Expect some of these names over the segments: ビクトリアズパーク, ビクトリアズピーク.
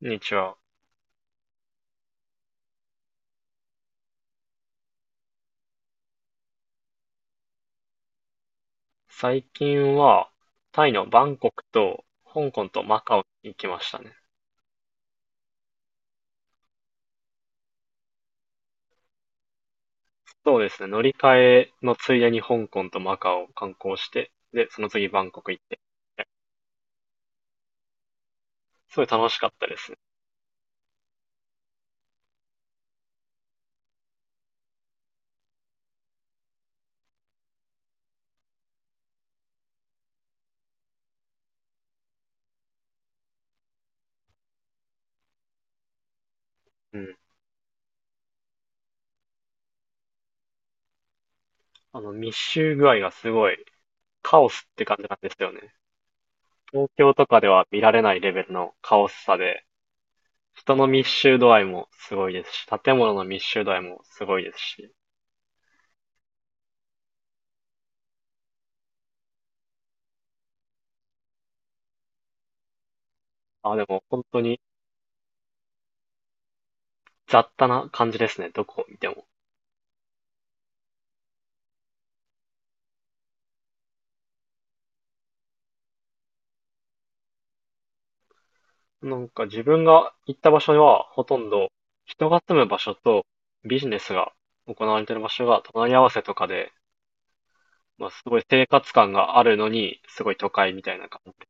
こんにちは。最近は、タイのバンコクと、香港とマカオに行きましたね。そうですね。乗り換えのついでに香港とマカオを観光して、で、その次バンコク行って。すごい楽しかったですね。うん。密集具合がすごい、カオスって感じなんですよね。東京とかでは見られないレベルのカオスさで、人の密集度合いもすごいですし、建物の密集度合いもすごいですし。あ、でも本当に雑多な感じですね。どこを見ても。なんか自分が行った場所はほとんど人が住む場所とビジネスが行われている場所が隣り合わせとかで、まあすごい生活感があるのに、すごい都会みたいな感じ。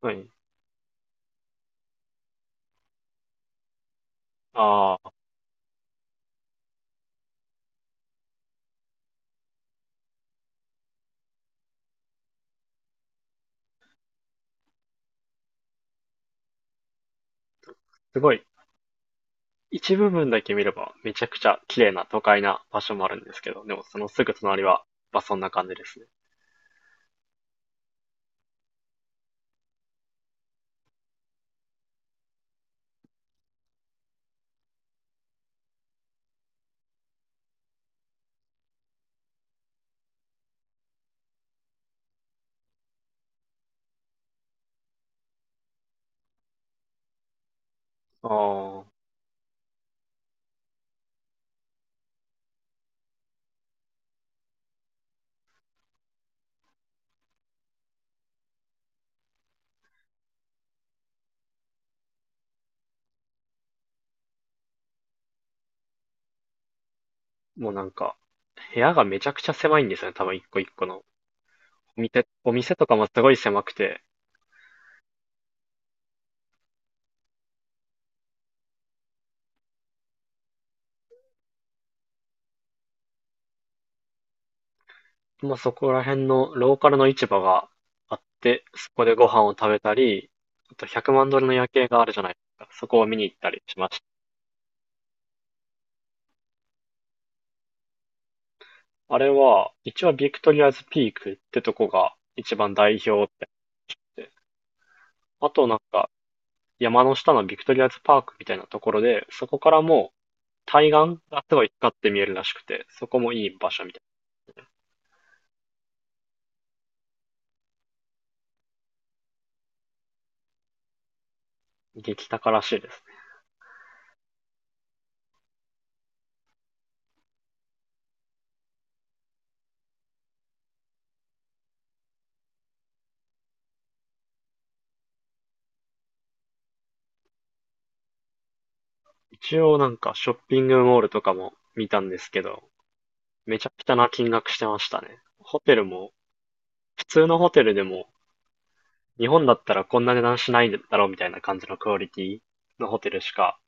はい。ああ、すごい。一部分だけ見ればめちゃくちゃ綺麗な都会な場所もあるんですけど、でもそのすぐ隣は、まあそんな感じですね。ああ、もうなんか部屋がめちゃくちゃ狭いんですよね。多分一個一個の。お店、お店とかもすごい狭くて、まあ、そこら辺のローカルの市場があって、そこでご飯を食べたり、あと100万ドルの夜景があるじゃないですか。そこを見に行ったりしました。あれは、一応ビクトリアズピークってとこが一番代表って。あとなんか、山の下のビクトリアズパークみたいなところで、そこからもう対岸がすごい光って見えるらしくて、そこもいい場所みたいな。激高らしいですね。一応なんかショッピングモールとかも見たんですけど、めちゃくちゃな金額してましたね。ホテルも、普通のホテルでも、日本だったらこんな値段しないだろうみたいな感じのクオリティのホテルしか、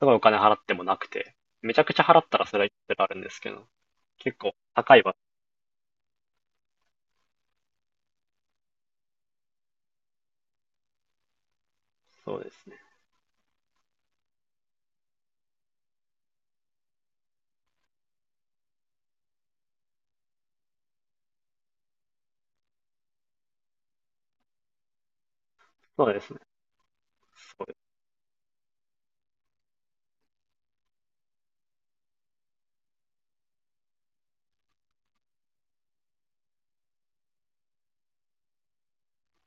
すごいお金払ってもなくて、めちゃくちゃ払ったらそれはいくらあるんですけど、結構高い場所、そうですね。そうですね。そうです。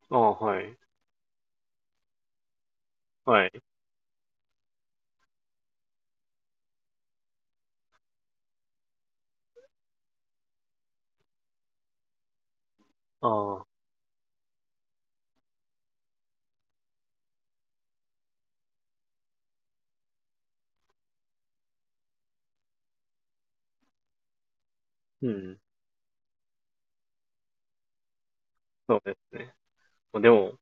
ああ、はい。はい。ああ、うん。そうですね。でも、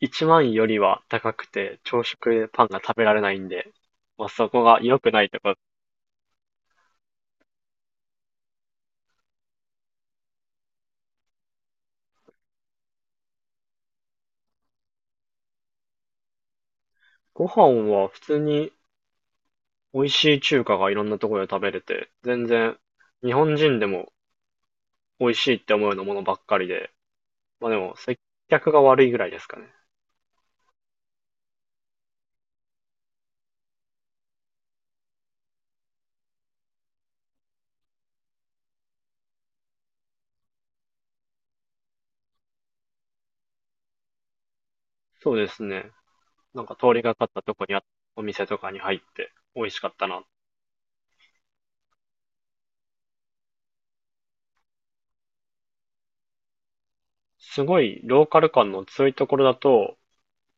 1万よりは高くて、朝食でパンが食べられないんで、まあそこが良くないとか、ご飯は普通に美味しい中華がいろんなところで食べれて、全然日本人でも美味しいって思うようなものばっかりで、まあでも接客が悪いぐらいですかね。そうですね。なんか通りがかったとこにあったお店とかに入って美味しかったな。すごいローカル感の強いところだと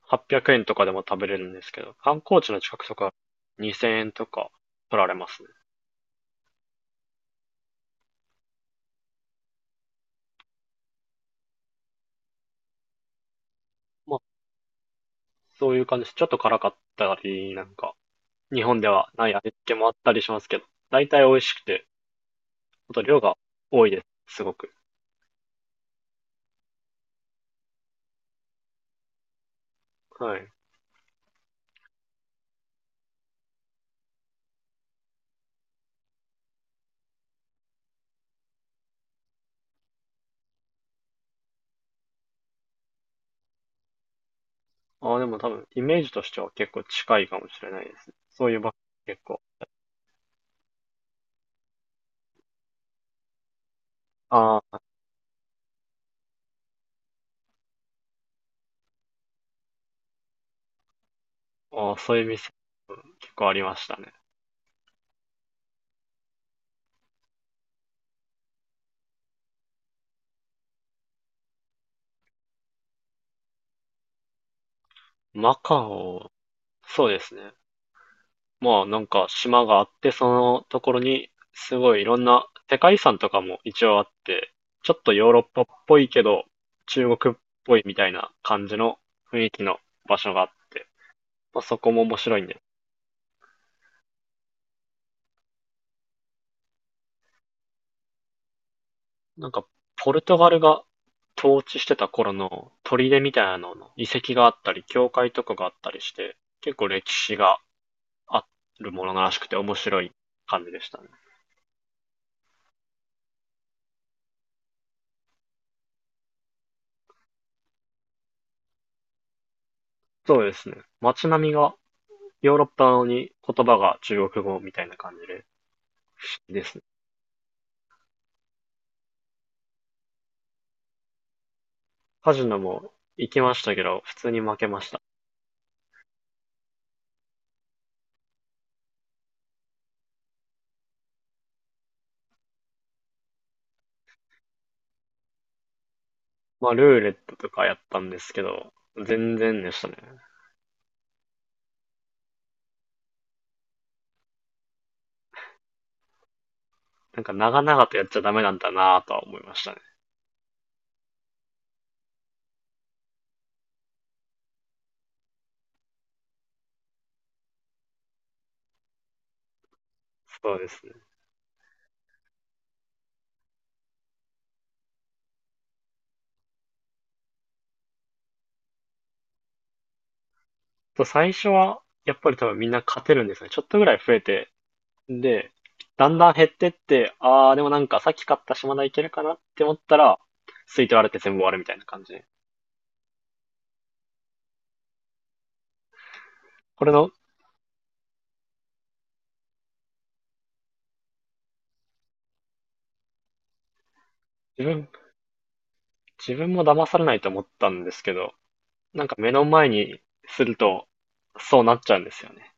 800円とかでも食べれるんですけど、観光地の近くとか2000円とか取られますね。まあそういう感じです。ちょっと辛かったり、なんか日本ではない味付けもあったりしますけど、大体美味しくてあと量が多いです、すごく。はい。ああ、でも多分、イメージとしては結構近いかもしれないですね。そういう場結構。あーあー、そういう店結構ありましたね。マカオ、そうですね。まあなんか島があって、そのところにすごいいろんな世界遺産とかも一応あって、ちょっとヨーロッパっぽいけど、中国っぽいみたいな感じの雰囲気の場所があって、まあ、そこも面白いんですなんか、ポルトガルが統治してた頃の砦みたいなのの遺跡があったり、教会とかがあったりして、結構歴史があるものらしくて面白い感じでしたね。そうですね。街並みがヨーロッパなのに言葉が中国語みたいな感じで、いいですね。カジノも行きましたけど、普通に負けました。まあ、ルーレットとかやったんですけど、全然でしたね。なんか長々とやっちゃダメなんだなぁとは思いましたね。そうですね。と最初は、やっぱり多分みんな勝てるんですね。ちょっとぐらい増えて、で、だんだん減ってって、あー、でもなんかさっき買った島田いけるかなって思ったら、吸い取られて全部終わるみたいな感じ。これの、自分、自分も騙されないと思ったんですけど、なんか目の前にすると、そうなっちゃうんですよね。